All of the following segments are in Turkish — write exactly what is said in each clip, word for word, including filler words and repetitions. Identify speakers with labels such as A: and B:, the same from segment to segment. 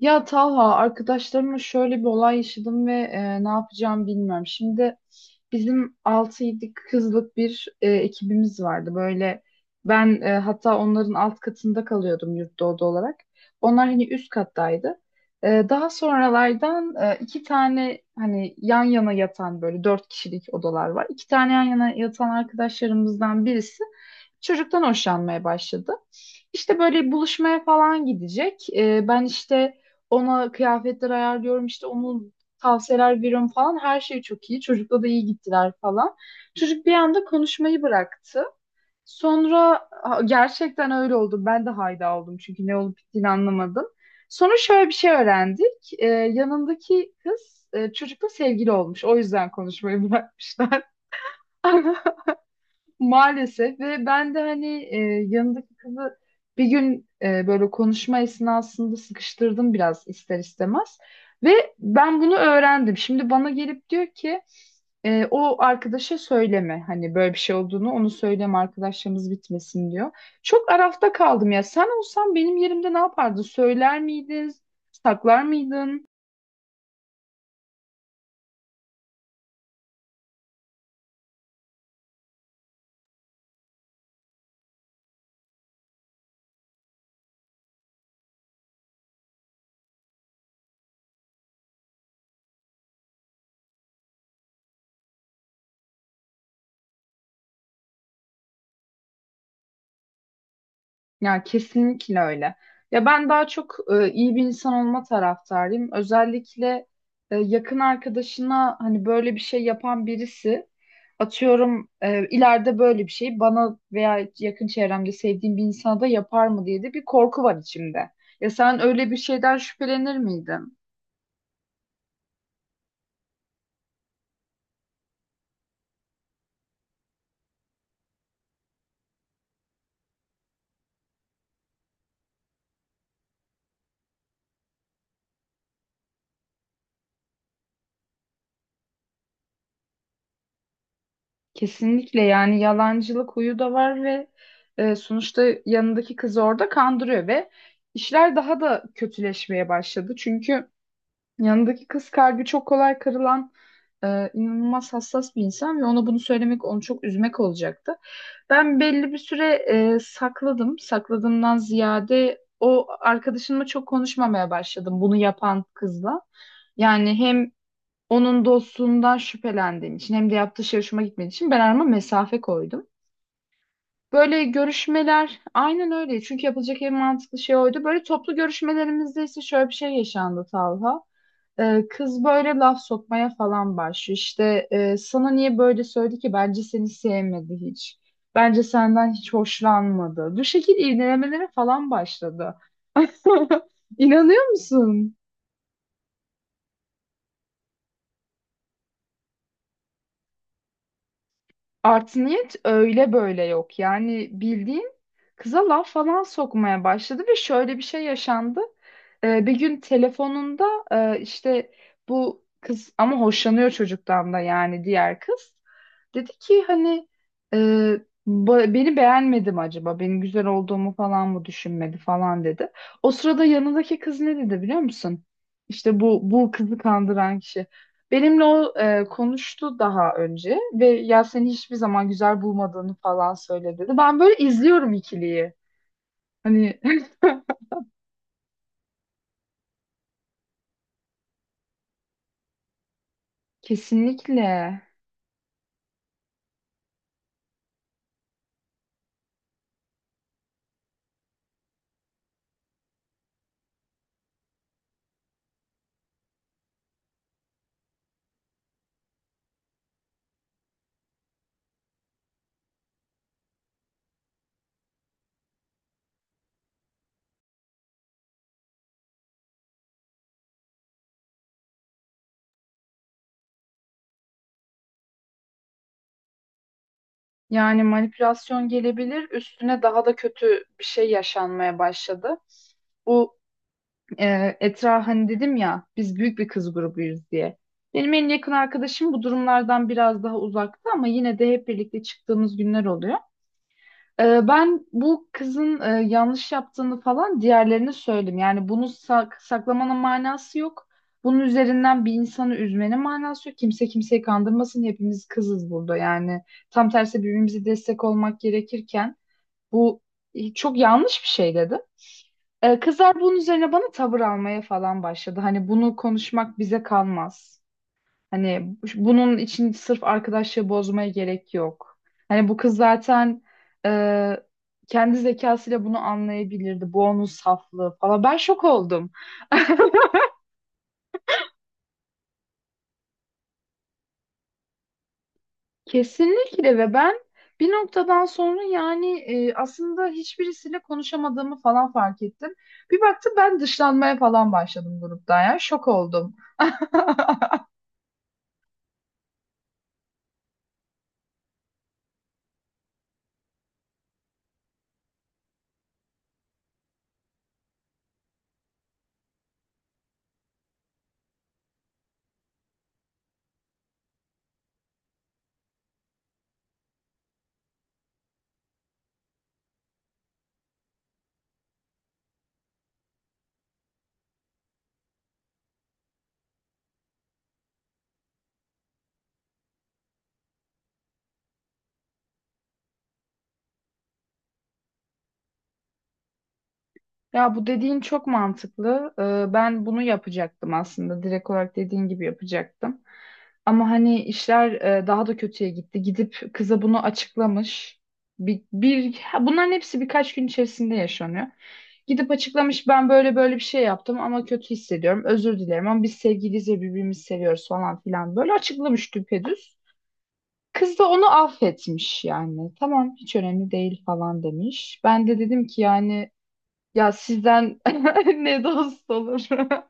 A: Ya Talha, arkadaşlarımla şöyle bir olay yaşadım ve e, ne yapacağımı bilmiyorum. Şimdi bizim altı yedi kızlık bir e, ekibimiz vardı. Böyle ben e, hatta onların alt katında kalıyordum yurtta oda olarak. Onlar hani üst kattaydı. E, daha sonralardan e, iki tane hani yan yana yatan böyle dört kişilik odalar var. İki tane yan yana yatan arkadaşlarımızdan birisi çocuktan hoşlanmaya başladı. İşte böyle buluşmaya falan gidecek. E, ben işte ona kıyafetler ayarlıyorum, işte onun tavsiyeler veriyorum falan. Her şey çok iyi. Çocukla da iyi gittiler falan. Çocuk bir anda konuşmayı bıraktı. Sonra ha, gerçekten öyle oldu. Ben de hayda oldum çünkü ne olup bittiğini anlamadım. Sonra şöyle bir şey öğrendik. Ee, yanındaki kız e, çocukla sevgili olmuş. O yüzden konuşmayı bırakmışlar. Maalesef, ve ben de hani e, yanındaki kızı bir gün e, böyle konuşma esnasında sıkıştırdım biraz ister istemez. Ve ben bunu öğrendim. Şimdi bana gelip diyor ki e, o arkadaşa söyleme, hani böyle bir şey olduğunu, onu söyleme, arkadaşlarımız bitmesin diyor. Çok arafta kaldım ya, sen olsan benim yerimde ne yapardın? Söyler miydin? Saklar mıydın? Ya kesinlikle öyle. Ya ben daha çok e, iyi bir insan olma taraftarıyım. Özellikle e, yakın arkadaşına hani böyle bir şey yapan birisi, atıyorum, e, ileride böyle bir şey bana veya yakın çevremde sevdiğim bir insana da yapar mı diye de bir korku var içimde. Ya sen öyle bir şeyden şüphelenir miydin? Kesinlikle, yani yalancılık huyu da var, ve e, sonuçta yanındaki kızı orada kandırıyor ve işler daha da kötüleşmeye başladı. Çünkü yanındaki kız kalbi çok kolay kırılan, e, inanılmaz hassas bir insan ve ona bunu söylemek onu çok üzmek olacaktı. Ben belli bir süre e, sakladım. Sakladığımdan ziyade o arkadaşımla çok konuşmamaya başladım, bunu yapan kızla. Yani hem onun dostluğundan şüphelendiğim için hem de yaptığı şey hoşuma gitmediği için ben arama mesafe koydum. Böyle görüşmeler aynen öyle. Çünkü yapılacak en mantıklı şey oydu. Böyle toplu görüşmelerimizde ise şöyle bir şey yaşandı Talha. Ee, kız böyle laf sokmaya falan başlıyor. İşte e, sana niye böyle söyledi ki? Bence seni sevmedi hiç. Bence senden hiç hoşlanmadı. Bu şekil iğnelemelere falan başladı. İnanıyor musun? Artı niyet öyle böyle yok. Yani bildiğin kıza laf falan sokmaya başladı ve şöyle bir şey yaşandı. Ee, bir gün telefonunda e, işte bu kız ama hoşlanıyor çocuktan da, yani diğer kız. Dedi ki hani e, ba- beni beğenmedi mi acaba? Benim güzel olduğumu falan mı düşünmedi falan dedi. O sırada yanındaki kız ne dedi biliyor musun? İşte bu bu kızı kandıran kişi. Benimle o e, konuştu daha önce ve ya, seni hiçbir zaman güzel bulmadığını falan söyle dedi. Ben böyle izliyorum ikiliyi. Hani kesinlikle yani manipülasyon gelebilir, üstüne daha da kötü bir şey yaşanmaya başladı. Bu e, Etra, hani dedim ya biz büyük bir kız grubuyuz diye. Benim en yakın arkadaşım bu durumlardan biraz daha uzakta, ama yine de hep birlikte çıktığımız günler oluyor. E, ben bu kızın e, yanlış yaptığını falan diğerlerine söyledim. Yani bunu sak- saklamanın manası yok. Bunun üzerinden bir insanı üzmenin manası yok. Kimse kimseyi kandırmasın. Hepimiz kızız burada. Yani tam tersi birbirimize destek olmak gerekirken bu, e, çok yanlış bir şey dedi. Ee, kızlar bunun üzerine bana tavır almaya falan başladı. Hani bunu konuşmak bize kalmaz. Hani bunun için sırf arkadaşlığı bozmaya gerek yok. Hani bu kız zaten e, kendi zekasıyla bunu anlayabilirdi. Bu onun saflığı falan. Ben şok oldum. Kesinlikle, ve ben bir noktadan sonra yani, e, aslında hiçbirisiyle konuşamadığımı falan fark ettim. Bir baktım ben dışlanmaya falan başladım gruptan ya. Şok oldum. Ya bu dediğin çok mantıklı. Ee, ben bunu yapacaktım aslında. Direkt olarak dediğin gibi yapacaktım. Ama hani işler e, daha da kötüye gitti. Gidip kıza bunu açıklamış. Bir, bir, ha, bunların hepsi birkaç gün içerisinde yaşanıyor. Gidip açıklamış, ben böyle böyle bir şey yaptım ama kötü hissediyorum. Özür dilerim ama biz sevgiliyiz ve birbirimizi seviyoruz falan filan. Böyle açıklamış düpedüz. Kız da onu affetmiş yani. Tamam hiç önemli değil falan demiş. Ben de dedim ki yani, ya sizden ne dost olur.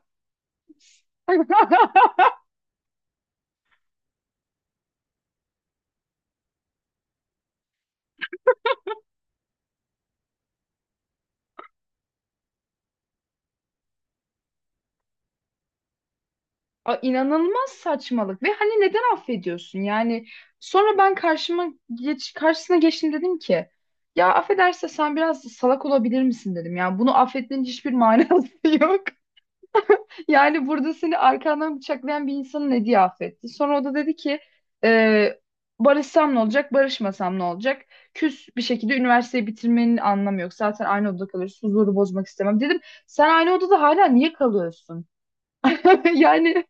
A: A- İnanılmaz saçmalık ve hani neden affediyorsun? Yani sonra ben karşıma geç, karşısına geçtim, dedim ki ya affederse sen, biraz salak olabilir misin dedim. Yani bunu affetmenin hiçbir manası yok. Yani burada seni arkandan bıçaklayan bir insanın ne diye affetti. Sonra o da dedi ki e, barışsam ne olacak, barışmasam ne olacak? Küs bir şekilde üniversiteyi bitirmenin anlamı yok. Zaten aynı odada kalıyoruz. Huzuru bozmak istemem. Dedim sen aynı odada hala niye kalıyorsun? Yani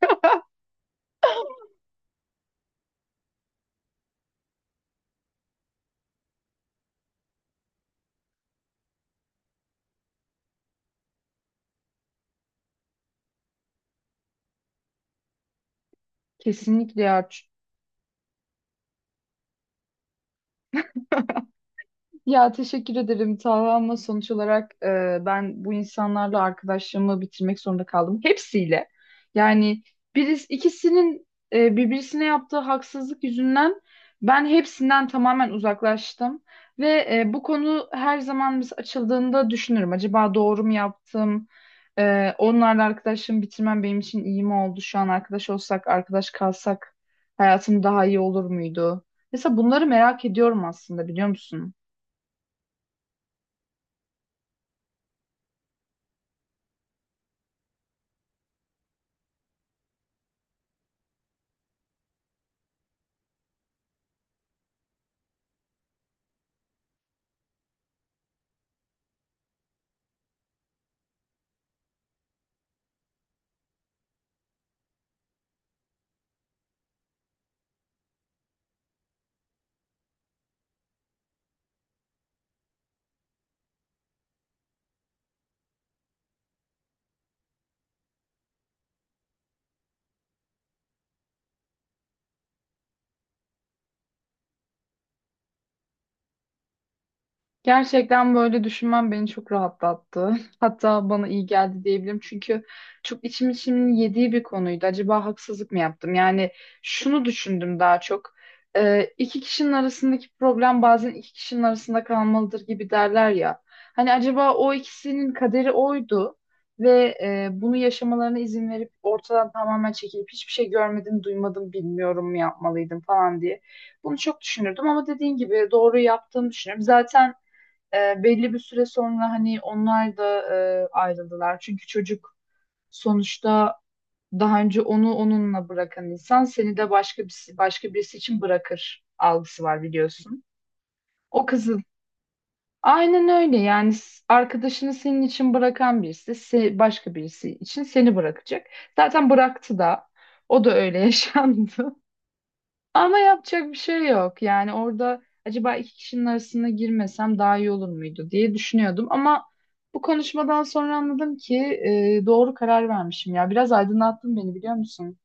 A: kesinlikle ya. Ya teşekkür ederim Taha, ama sonuç olarak e, ben bu insanlarla arkadaşlığımı bitirmek zorunda kaldım. Hepsiyle. Yani birisi, ikisinin e, birbirisine yaptığı haksızlık yüzünden ben hepsinden tamamen uzaklaştım. Ve e, bu konu her zaman biz açıldığında düşünürüm. Acaba doğru mu yaptım? E, onlarla arkadaşlığımı bitirmem benim için iyi mi oldu? Şu an arkadaş olsak, arkadaş kalsak hayatım daha iyi olur muydu? Mesela bunları merak ediyorum aslında, biliyor musun? Gerçekten böyle düşünmem beni çok rahatlattı. Hatta bana iyi geldi diyebilirim. Çünkü çok içim içimin yediği bir konuydu. Acaba haksızlık mı yaptım? Yani şunu düşündüm daha çok. Ee, iki kişinin arasındaki problem bazen iki kişinin arasında kalmalıdır gibi derler ya. Hani acaba o ikisinin kaderi oydu ve e, bunu yaşamalarına izin verip ortadan tamamen çekilip hiçbir şey görmedim, duymadım, bilmiyorum mu yapmalıydım falan diye. Bunu çok düşünürdüm ama dediğin gibi doğru yaptığımı düşünüyorum. Zaten e, belli bir süre sonra hani onlar da e, ayrıldılar. Çünkü çocuk sonuçta daha önce onu onunla bırakan insan seni de başka bir başka birisi için bırakır algısı var biliyorsun. O kızın aynen öyle yani, s- arkadaşını senin için bırakan birisi, se- başka birisi için seni bırakacak. Zaten bıraktı da, o da öyle yaşandı. Ama yapacak bir şey yok. Yani orada acaba iki kişinin arasına girmesem daha iyi olur muydu diye düşünüyordum. Ama bu konuşmadan sonra anladım ki e, doğru karar vermişim ya. Biraz aydınlattın beni, biliyor musun?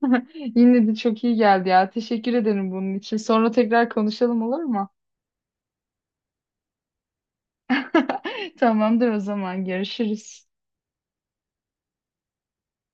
A: Yine de çok iyi geldi ya. Teşekkür ederim bunun için. Sonra tekrar konuşalım, olur mu? Tamamdır, o zaman görüşürüz.